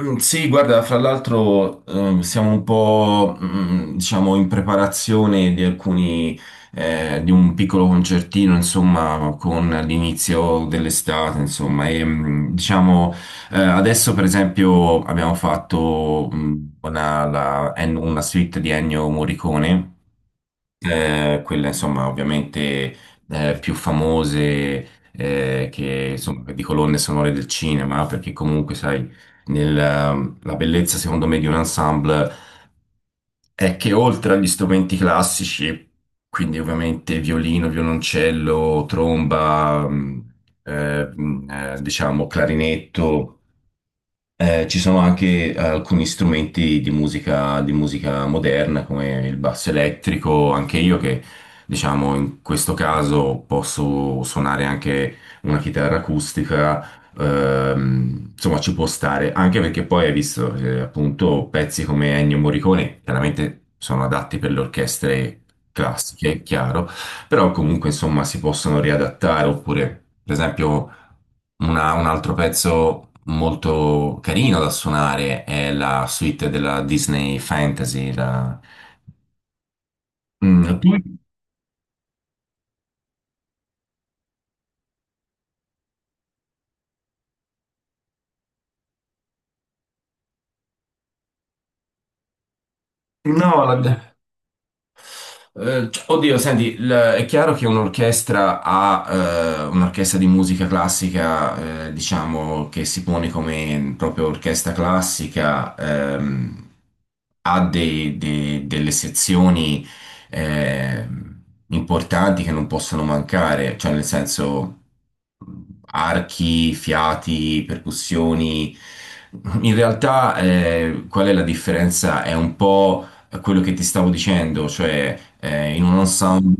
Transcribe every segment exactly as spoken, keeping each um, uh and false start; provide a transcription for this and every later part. Mm, Sì, guarda, fra l'altro ehm, siamo un po', mm, diciamo, in preparazione di alcuni, eh, di un piccolo concertino, insomma, con l'inizio dell'estate, insomma, e mm, diciamo, eh, adesso per esempio abbiamo fatto mm, una, la- en- una suite di Ennio Morricone, eh, quelle insomma ovviamente eh, più famose, eh, che insomma di colonne sonore del cinema, perché comunque sai nel- ehm, la bellezza secondo me di un ensemble è che oltre agli strumenti classici, quindi ovviamente violino, violoncello, tromba mh, eh, mh, eh, diciamo clarinetto, eh, ci sono anche eh, alcuni strumenti di musica, di musica moderna, come il basso elettrico, anche io che diciamo in questo caso posso suonare anche una chitarra acustica, ehm, insomma ci può stare, anche perché poi hai visto, eh, appunto pezzi come Ennio Morricone, chiaramente sono adatti per le orchestre classiche, chiaro, però comunque insomma si possono riadattare, oppure per esempio... Una- un altro pezzo molto carino da suonare è la suite della Disney Fantasy. la- Mm, No. tu- No, la- Eh, oddio, senti, il- è chiaro che un'orchestra ha eh, un'orchestra di musica classica, eh, diciamo, che si pone come proprio orchestra classica, ehm, ha dei- dei- delle sezioni ehm, importanti che non possono mancare, cioè nel senso mh, archi, fiati, percussioni. In realtà, eh, qual è la differenza? È un po' a quello che ti stavo dicendo, cioè eh, in un ensemble.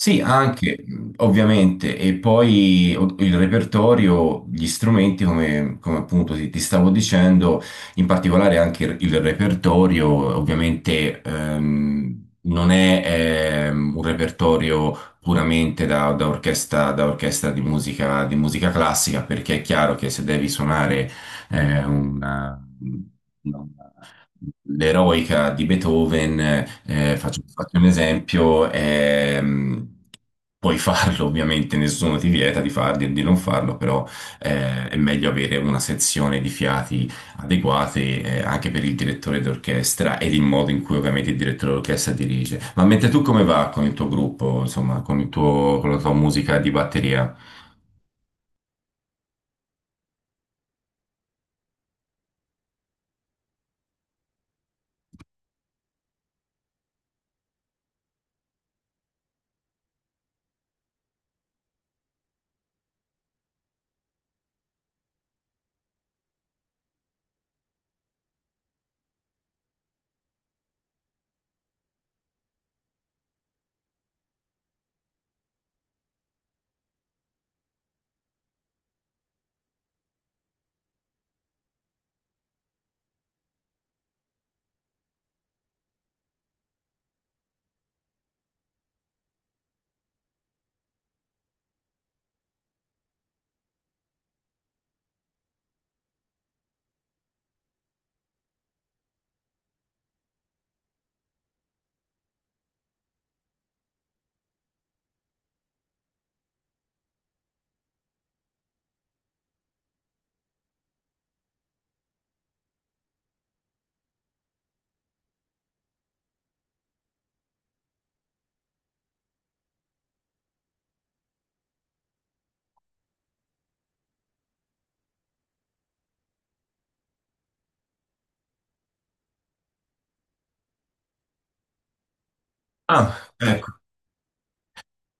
Sì, anche mh, ovviamente, e poi o- il repertorio, gli strumenti, come, come appunto ti, ti stavo dicendo, in particolare anche il, il repertorio, ovviamente ehm, non è ehm, un repertorio puramente da, da orchestra, da orchestra di musica, di musica classica, perché è chiaro che se devi suonare eh, una, l'eroica di Beethoven, eh, faccio, faccio un esempio, ehm, puoi farlo ovviamente, nessuno ti vieta di farlo e di non farlo, però eh, è meglio avere una sezione di fiati adeguate, eh, anche per il direttore d'orchestra ed il modo in cui ovviamente il direttore d'orchestra dirige. Ma mentre tu come va con il tuo gruppo, insomma, con il tuo- con la tua musica di batteria? Ah, ecco.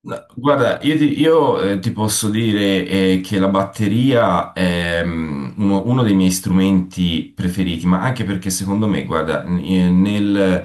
No, guarda, io, ti, io, eh, ti posso dire eh, che la batteria è mm, uno, uno dei miei strumenti preferiti, ma anche perché secondo me, guarda, n- eh, nel,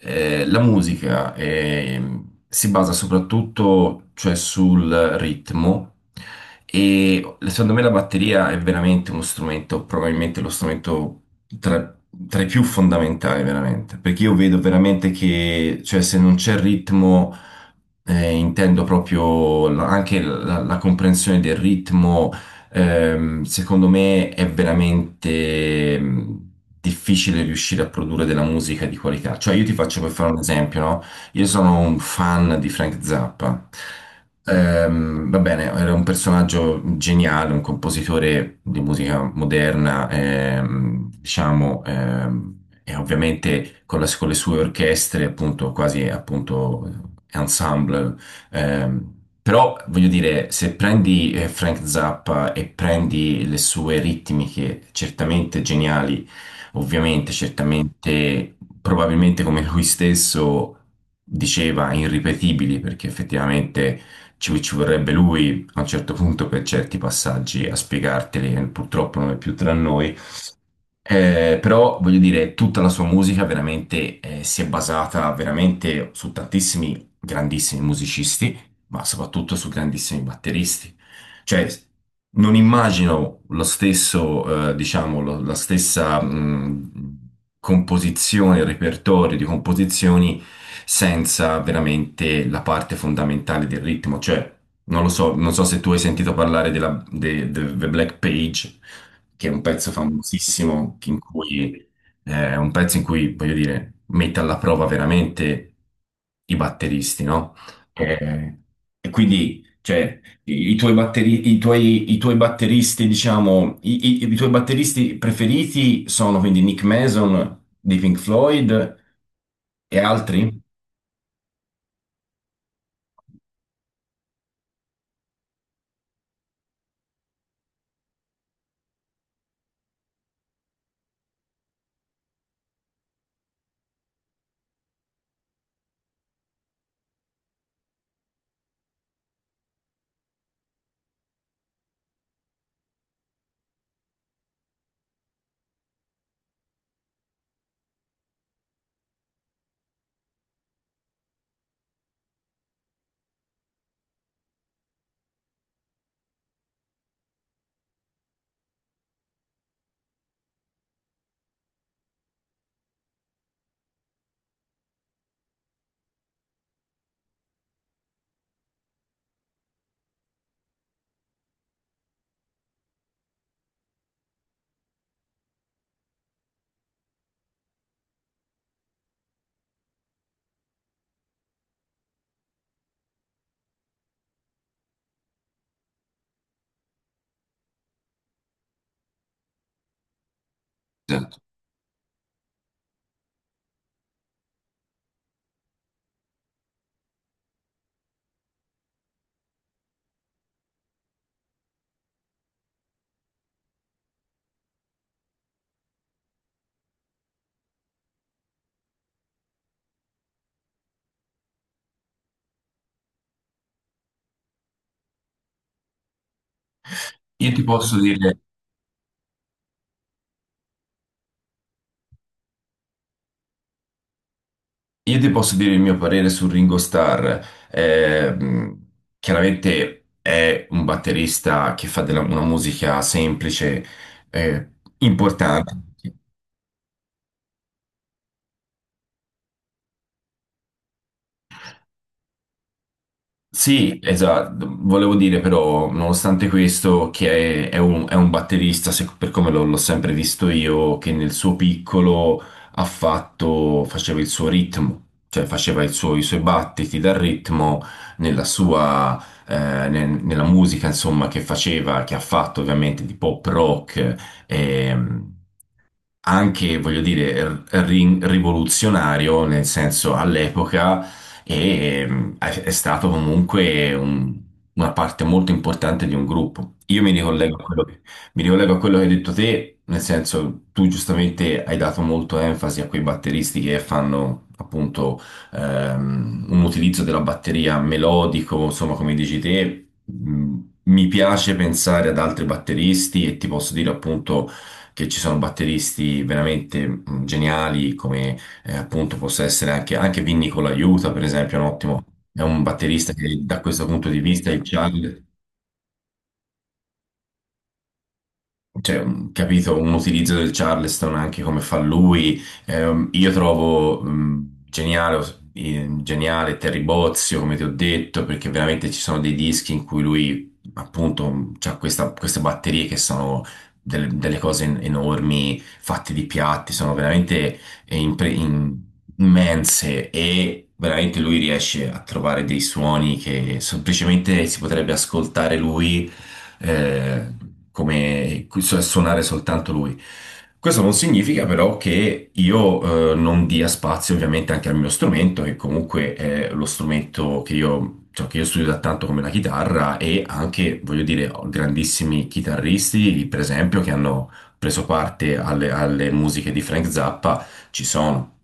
eh, la musica si basa soprattutto, cioè, sul ritmo, e secondo me la batteria è veramente uno strumento, probabilmente lo strumento tra, tra i più fondamentali, veramente, perché io vedo veramente che, cioè, se non c'è ritmo, eh, intendo proprio la- anche la, la comprensione del ritmo, ehm, secondo me è veramente... mm, difficile riuscire a produrre della musica di qualità. Cioè, io ti faccio per fare un esempio, no? Io sono un fan di Frank Zappa. Ehm, va bene, era un personaggio geniale, un compositore di musica moderna, ehm, diciamo, ehm, e ovviamente con, la- con le sue orchestre, appunto, quasi appunto ensemble. ehm, Però voglio dire, se prendi eh, Frank Zappa e prendi le sue ritmiche certamente geniali. Ovviamente, certamente, probabilmente come lui stesso diceva, irripetibili, perché effettivamente ci, ci vorrebbe lui a un certo punto per certi passaggi a spiegarteli, e purtroppo non è più tra noi. Eh, però voglio dire, tutta la sua musica veramente eh, si è basata veramente su tantissimi grandissimi musicisti, ma soprattutto su grandissimi batteristi. Cioè, non immagino lo stesso, eh, diciamo, lo- la stessa mh, composizione, il repertorio di composizioni senza veramente la parte fondamentale del ritmo. Cioè, non lo so, non so se tu hai sentito parlare della, de- del The Black Page, che è un pezzo famosissimo, che- in cui, eh, è un pezzo in cui, voglio dire, mette alla prova veramente i batteristi, no? Eh, e quindi, cioè, i, i tuoi batteri- i tuoi- i tuoi batteristi, diciamo, i, i- i tuoi batteristi preferiti sono quindi Nick Mason di Pink Floyd e altri? Esatto. Io ti posso dire Io ti posso dire il mio parere su Ringo Starr. Eh, mh, Chiaramente è un batterista che fa della- una musica semplice, eh, importante. Sì, esatto, volevo dire però, nonostante questo, che è, è un, è un batterista, se- per come l'ho l'ho sempre visto io, che nel suo piccolo ha fatto, faceva il suo ritmo, cioè faceva il suo- i suoi battiti dal ritmo nella sua, eh, nel- nella musica, insomma, che faceva, che ha fatto ovviamente di pop rock. ehm, Anche, voglio dire, r- rin- rivoluzionario, nel senso all'epoca, e, ehm, è, è stato comunque un- una parte molto importante di un gruppo. Io mi ricollego a quello che, Mi ricollego a quello che hai detto te, nel senso tu giustamente hai dato molto enfasi a quei batteristi che fanno appunto ehm, un utilizzo della batteria melodico, insomma, come dici te. mh, Mi piace pensare ad altri batteristi, e ti posso dire appunto che ci sono batteristi veramente mh, geniali, come eh, appunto possa essere anche, anche Vinny Colaiuta, per esempio, è un ottimo, è un batterista che da questo punto di vista, il Charlie. Cioè, un- capito, un utilizzo del Charleston anche come fa lui. Ehm, io trovo mh, geniale, os- eh, geniale Terry Bozzio, come ti ho detto, perché veramente ci sono dei dischi in cui lui, appunto, ha queste batterie che sono delle, delle cose en- enormi, fatte di piatti, sono veramente eh, impre- in- immense, e veramente lui riesce a trovare dei suoni che semplicemente si potrebbe ascoltare lui eh, come su- suonare soltanto lui. Questo non significa però che io eh, non dia spazio ovviamente anche al mio strumento, che comunque è lo strumento che io, cioè, che io studio da tanto, come la chitarra, e anche, voglio dire, ho grandissimi chitarristi, per esempio, che hanno preso parte alle alle musiche di Frank Zappa, ci sono.